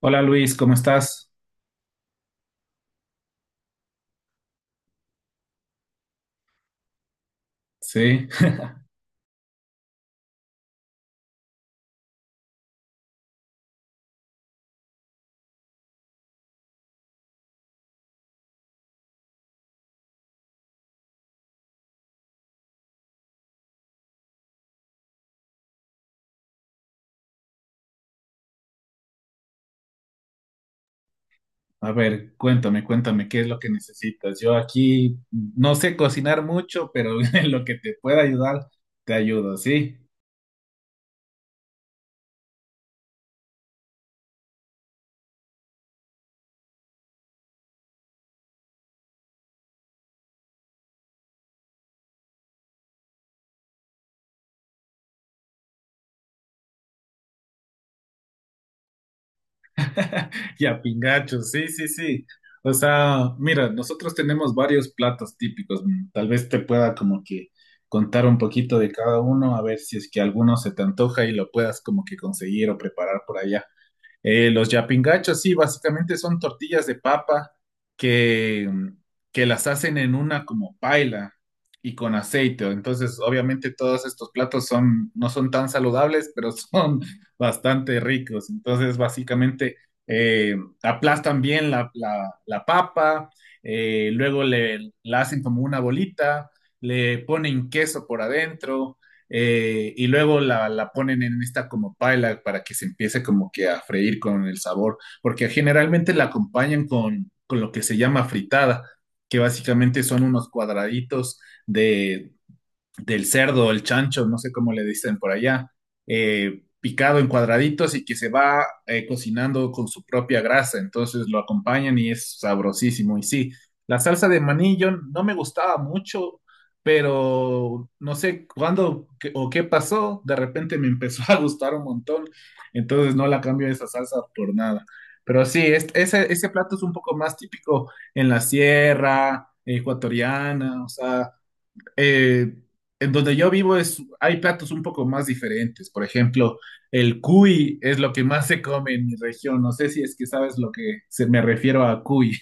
Hola Luis, ¿cómo estás? Sí. A ver, cuéntame, ¿qué es lo que necesitas? Yo aquí no sé cocinar mucho, pero en lo que te pueda ayudar, te ayudo, ¿sí? Y a pingacho, sí, sí, sí. O sea, mira, nosotros tenemos varios platos típicos. Mm, tal vez te pueda como que contar un poquito de cada uno, a ver si es que alguno se te antoja y lo puedas como que conseguir o preparar por allá. Los yapingachos, sí, básicamente son tortillas de papa que, que las hacen en una como paila y con aceite. Entonces, obviamente todos estos platos son, no son tan saludables, pero son bastante ricos. Entonces, básicamente eh, aplastan bien la papa, luego le, la hacen como una bolita, le ponen queso por adentro y luego la ponen en esta como paila para que se empiece como que a freír con el sabor, porque generalmente la acompañan con lo que se llama fritada, que básicamente son unos cuadraditos de, del cerdo, el chancho, no sé cómo le dicen por allá, picado en cuadraditos y que se va cocinando con su propia grasa. Entonces lo acompañan y es sabrosísimo. Y sí, la salsa de maní yo no me gustaba mucho, pero no sé o qué pasó, de repente me empezó a gustar un montón. Entonces no la cambio esa salsa por nada. Pero sí, ese plato es un poco más típico en la sierra ecuatoriana, o sea eh, en donde yo vivo es, hay platos un poco más diferentes. Por ejemplo, el cuy es lo que más se come en mi región. No sé si es que sabes lo que se me refiero a cuy.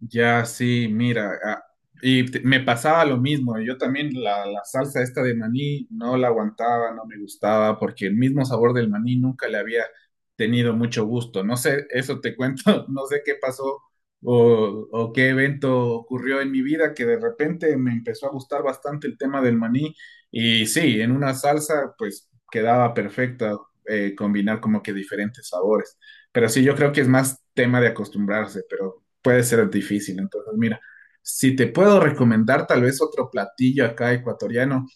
Ya, sí, mira, ah, me pasaba lo mismo, yo también la salsa esta de maní no la aguantaba, no me gustaba, porque el mismo sabor del maní nunca le había tenido mucho gusto, no sé, eso te cuento, no sé qué pasó o qué evento ocurrió en mi vida que de repente me empezó a gustar bastante el tema del maní y sí, en una salsa pues quedaba perfecta combinar como que diferentes sabores, pero sí, yo creo que es más tema de acostumbrarse, pero puede ser difícil. Entonces, mira, si te puedo recomendar tal vez otro platillo acá ecuatoriano,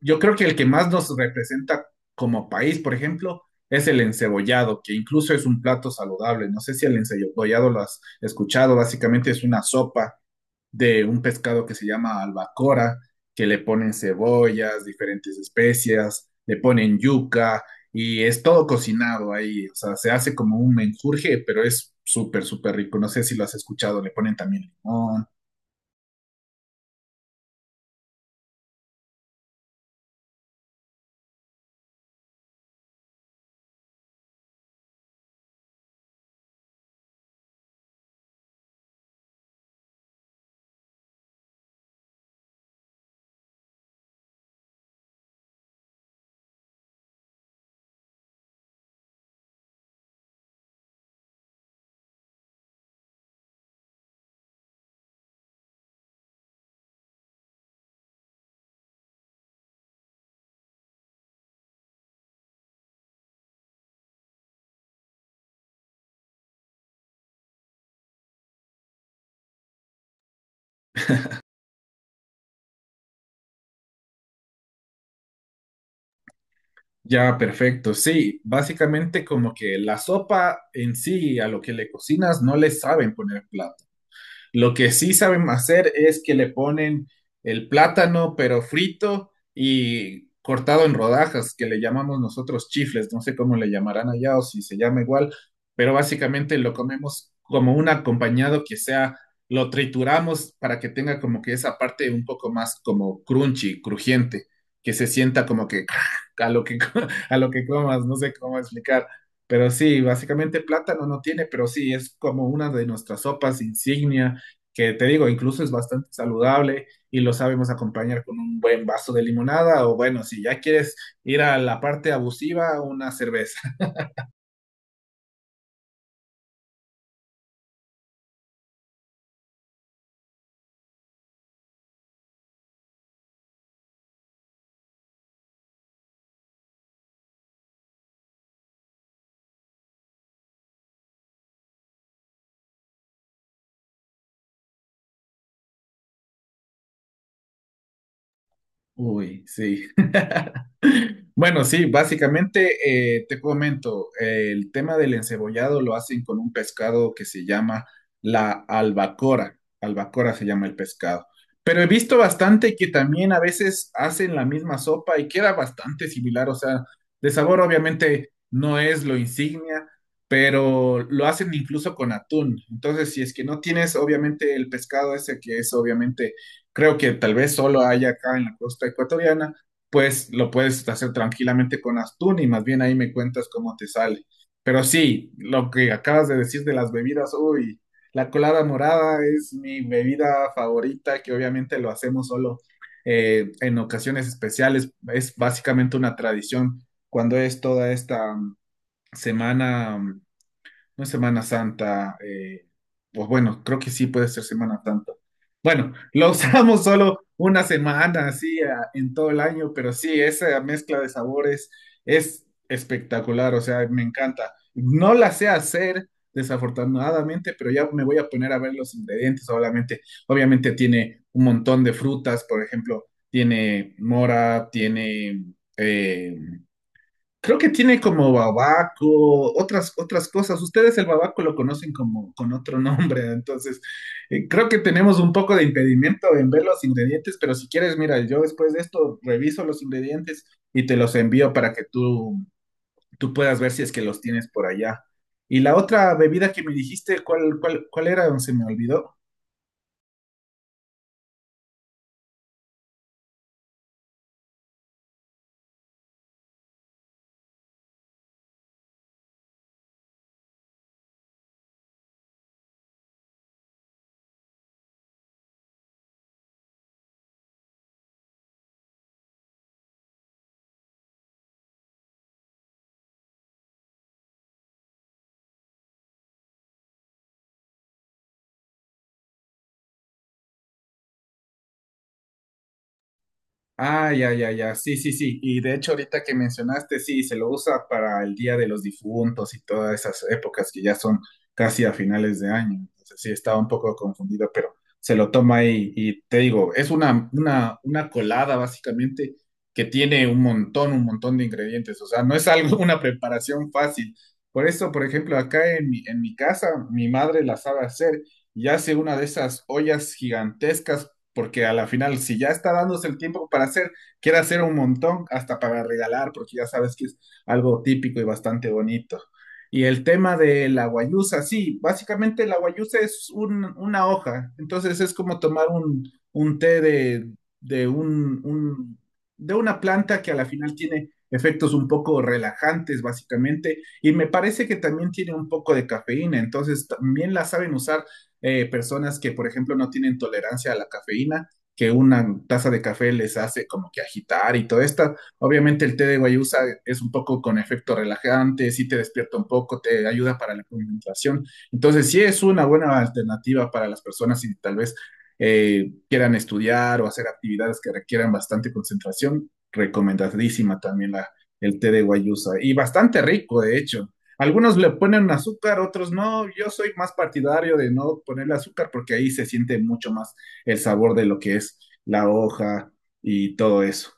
yo creo que el que más nos representa como país, por ejemplo, es el encebollado, que incluso es un plato saludable. No sé si el encebollado lo has escuchado, básicamente es una sopa de un pescado que se llama albacora, que le ponen cebollas, diferentes especias, le ponen yuca y es todo cocinado ahí, o sea, se hace como un menjurje, pero es súper, súper rico. No sé si lo has escuchado, le ponen también limón. Ya, perfecto. Sí, básicamente como que la sopa en sí, a lo que le cocinas, no le saben poner plato. Lo que sí saben hacer es que le ponen el plátano, pero frito y cortado en rodajas, que le llamamos nosotros chifles, no sé cómo le llamarán allá o si se llama igual, pero básicamente lo comemos como un acompañado que sea, lo trituramos para que tenga como que esa parte un poco más como crunchy, crujiente, que se sienta como que a lo a lo que comas, no sé cómo explicar. Pero sí, básicamente plátano no tiene, pero sí, es como una de nuestras sopas insignia que te digo, incluso es bastante saludable y lo sabemos acompañar con un buen vaso de limonada o bueno, si ya quieres ir a la parte abusiva, una cerveza. Uy, sí. Bueno, sí, básicamente te comento, el tema del encebollado lo hacen con un pescado que se llama la albacora. Albacora se llama el pescado. Pero he visto bastante que también a veces hacen la misma sopa y queda bastante similar. O sea, de sabor obviamente no es lo insignia, pero lo hacen incluso con atún. Entonces, si es que no tienes obviamente el pescado ese que es obviamente creo que tal vez solo haya acá en la costa ecuatoriana, pues lo puedes hacer tranquilamente con Astun y más bien ahí me cuentas cómo te sale. Pero sí, lo que acabas de decir de las bebidas, uy, la colada morada es mi bebida favorita, que obviamente lo hacemos solo en ocasiones especiales, es básicamente una tradición cuando es toda esta semana no es Semana Santa, pues bueno, creo que sí puede ser Semana Santa. Bueno, lo usamos solo una semana, así, en todo el año, pero sí, esa mezcla de sabores es espectacular, o sea, me encanta. No la sé hacer, desafortunadamente, pero ya me voy a poner a ver los ingredientes, obviamente. Obviamente tiene un montón de frutas, por ejemplo, tiene mora, tiene... eh, creo que tiene como babaco, otras, otras cosas. Ustedes el babaco lo conocen como con otro nombre, entonces creo que tenemos un poco de impedimento en ver los ingredientes, pero si quieres, mira, yo después de esto reviso los ingredientes y te los envío para que tú puedas ver si es que los tienes por allá. Y la otra bebida que me dijiste, ¿cuál era? Se me olvidó. Ah, ya, ya, ya, sí, sí, sí. Y de hecho, ahorita que mencionaste, sí, se lo usa para el Día de los Difuntos y todas esas épocas que ya son casi a finales de año. Entonces, sí, estaba un poco confundido, pero se lo toma ahí y te digo, es una colada básicamente que tiene un montón de ingredientes. O sea, no es algo, una preparación fácil. Por eso, por ejemplo, acá en mi casa, mi madre la sabe hacer y hace una de esas ollas gigantescas porque a la final, si ya está dándose el tiempo para hacer, quiere hacer un montón, hasta para regalar, porque ya sabes que es algo típico y bastante bonito. Y el tema de la guayusa, sí, básicamente la guayusa una hoja, entonces es como tomar un té de, un, un- de una planta que a la final tiene efectos un poco relajantes, básicamente, y me parece que también tiene un poco de cafeína, entonces también la saben usar personas que, por ejemplo, no tienen tolerancia a la cafeína, que una taza de café les hace como que agitar y todo esto. Obviamente el té de guayusa es un poco con efecto relajante, sí te despierta un poco, te ayuda para la concentración. Entonces sí es una buena alternativa para las personas si tal vez quieran estudiar o hacer actividades que requieran bastante concentración. Recomendadísima también el té de guayusa y bastante rico, de hecho. Algunos le ponen azúcar, otros no. Yo soy más partidario de no ponerle azúcar porque ahí se siente mucho más el sabor de lo que es la hoja y todo eso.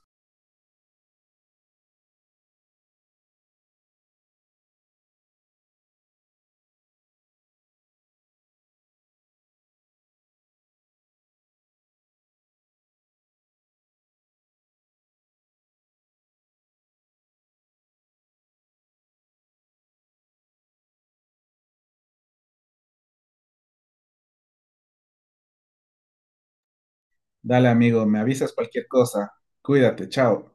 Dale, amigo, me avisas cualquier cosa. Cuídate, chao.